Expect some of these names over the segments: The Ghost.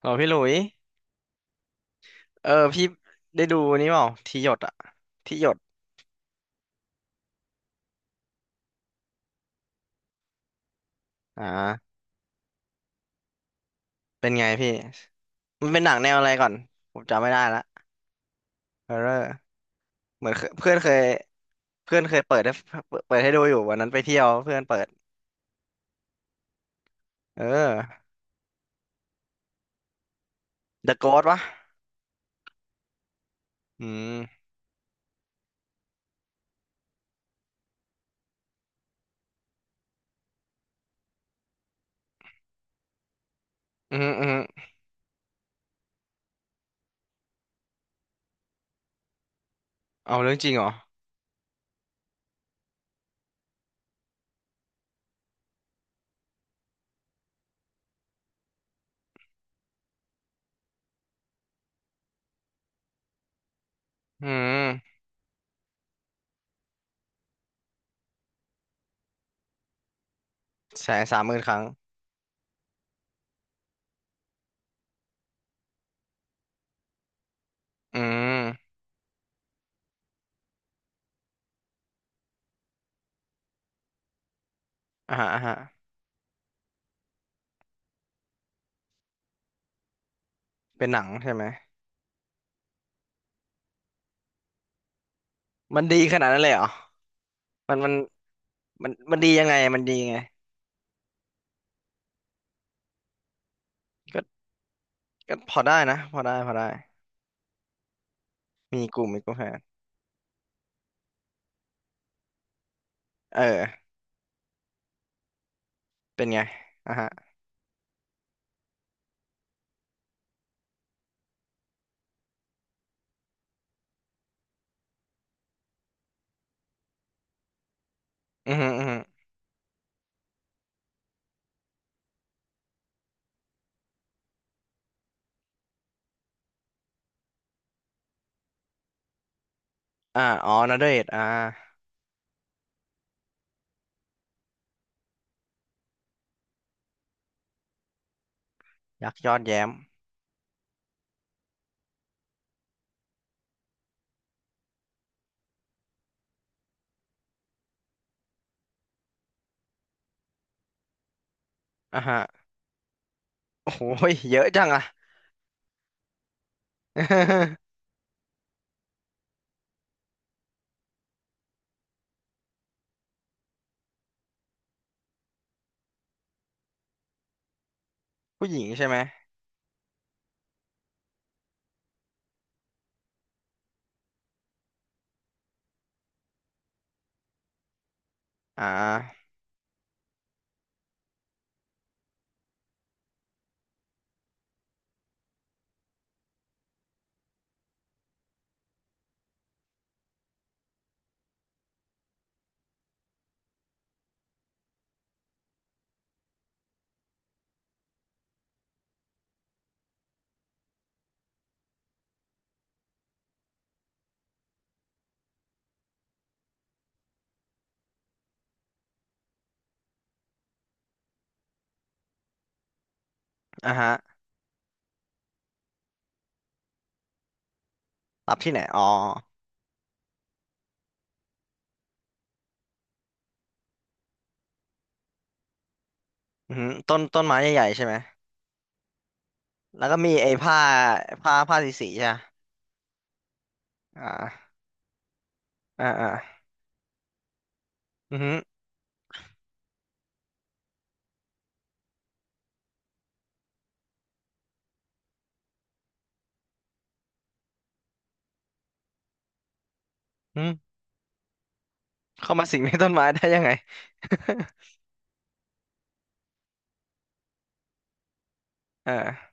เหรอพี่หลุยเออพี่ได้ดูนี่เปล่าที่หยดอะที่หยดอ่าเป็นไงพี่มันเป็นหนังแนวอะไรก่อนผมจำไม่ได้ละเอร์เรอร์เหมือนเคยเพื่อนเคยเปิดให้ดูอยู่วันนั้นไปเที่ยวเพื่อนเปิดเออ The Ghost วะอืมอืมอืมเอาเรื่องจริงเหรออืม130,000ครั้งอืมอ่าฮะอ่าฮะเป็นหนังใช่ไหมมันดีขนาดนั้นเลยเหรอมันมันมันดียังไงมันดียังไงก็ก็พอได้นะพอได้พอได้มีกลุ่มแฟน เออเป็นไงอ่ะฮะอือฮึอือฮึอ่าอ๋อนาเดชน์อ่ายักษ์ยอดแย้มอ่ะฮะโอ้โหเยอะจังอ่ะ ผู้หญิงใช่ไหมอ่าอ่ะฮะรับที่ไหนอ๋ออือฮึต้นไม้ใหญ่ๆใช่ไหมแล้วก็มีไอ้ผ้าผ้าสีใช่ปะอ่าอ่าอ่าอือฮึอือฮึเข้ามาสิงในต้นไม้ได้ยังไง เออ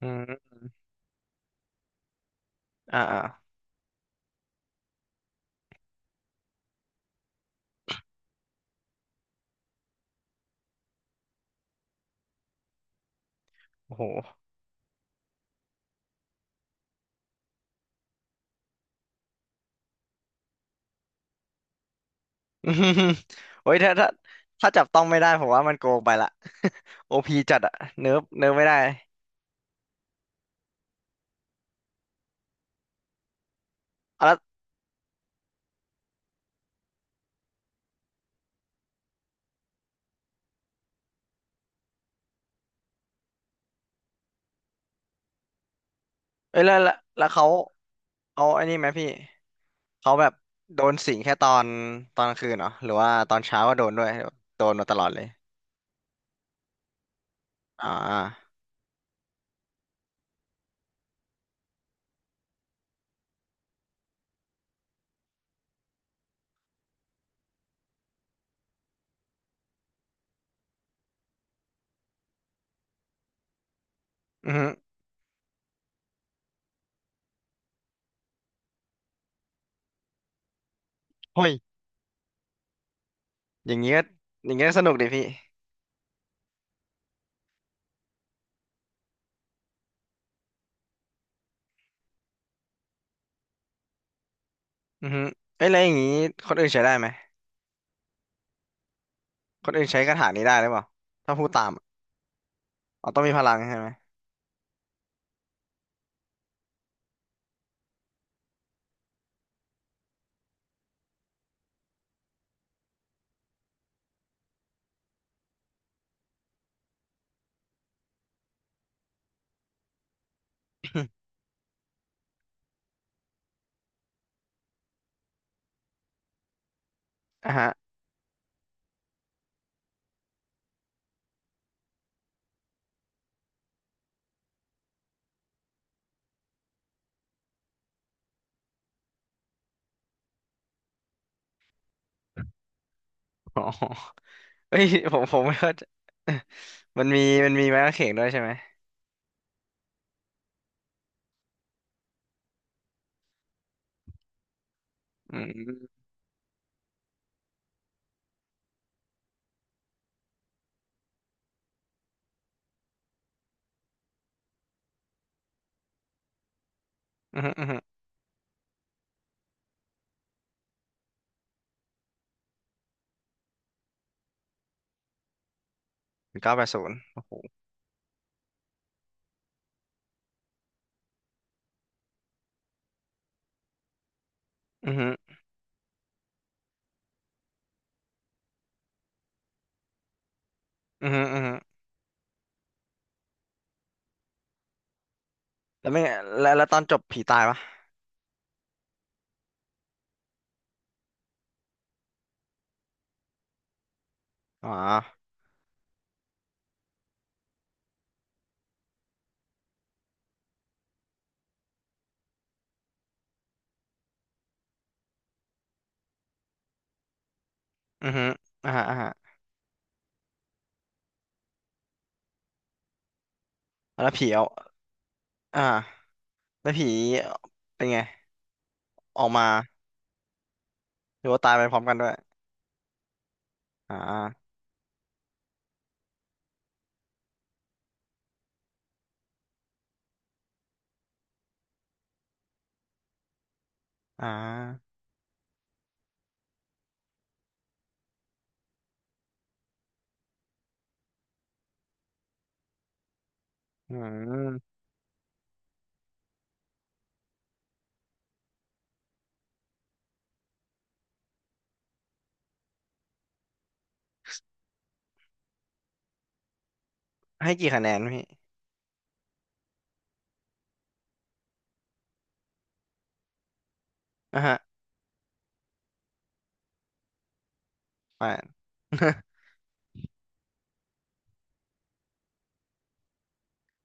อือฮึอ่าอ่าโอ้โห อืมโอ้ยถ้าถ้าจับต้องไม่ได้ผมว่ามันโกงไปละ โอพีจัดอะเนิร์ฟไม่ได้เอาแล้วเอ้ยแล้วเขาเอาไอ้นี่ไหมพี่เขาแบบโดนสิงแค่ตอนกลางคืนเหรอหรือว่าตอนเช้าก็โดนด้วยโดนมาตลอดเลยอ่าอือฮึเฮ้ยอย่างงี้ก็อย่างงี้ก็สนุกดิพี่อือฮึเอ้ยแล้วอย่างงี้คนอื่นใช้ได้ไหมคนอื่นใช้คาถานี้ได้หรือเปล่าถ้าพูดตามอะอ๋อต้องมีพลังใช่ไหม อ่ะฮะอ๋อ เอ้ย ผมผมไม่เข้าใจ มันมีมันมีไม้กางเขนด้วยใช่ไหมอืมอืมอืม980โอ้โหอือฮึอือฮึอือฮึแล้วไม่แล้วตอนจบผีตายปะอ๋ออือฮึอ่าฮะอ่าฮะแล้วผีเอาอ่าแล้วผีเป็นไงออกมาหรือว่าตายไปพร้อมกันด้วยอ่าอ่าอืมให้กี่คะแนนพี่อ่าฮะแปด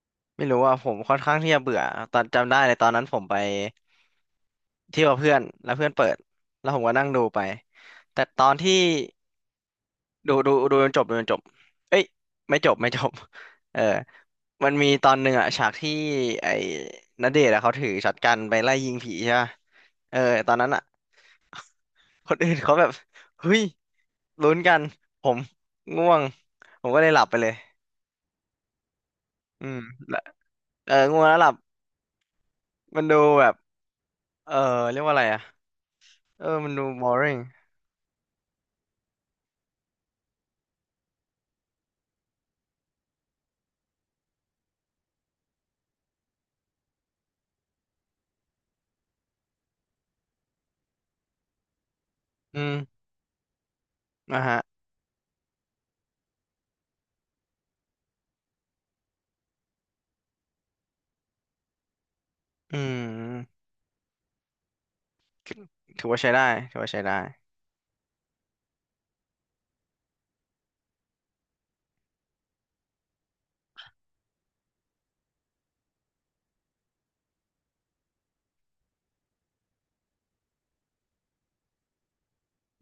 ไม่รู้ว่าผมค่อนข้างที่จะเบื่อตอนจำได้เลยตอนนั้นผมไป เที่ยวกับเพื่อนแล้วเพื่อนเปิดแล้วผมก็นั่งดูไปแต่ตอนที่ดูจนจบดูจนจบเอ้ยไม่จบไม่จบเออมันมีตอนหนึ่งอะฉากที่ไอ้ณเดชน์อะเขาถือช็อตกันไปไล่ยิงผีใช่ป่ะเออตอนนั้นอะคนอื่นเขาแบบเฮ้ยลุ้นกันผมง่วงผมก็เลยหลับไปเลยอืมแล้วเออง่วงแล้วหลับมันดูแบบเออเรียกว่าอะไรอะเออมันดู boring อืมนะฮะอืมถือว่าใช้ได้ถือว่าใช้ได้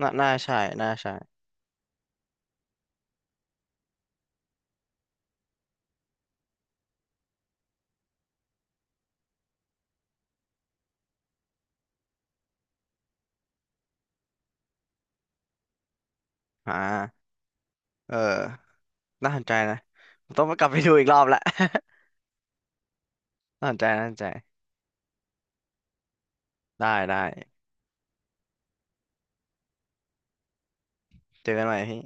น่าน่าใช่ น่าใช่อ่าเออ น่าสนใจนะผมต้องไปกลับไปดูอีกรอบละ น่าสนใจน่าสนใจ ได้ ได้เจอกันใหม่พี่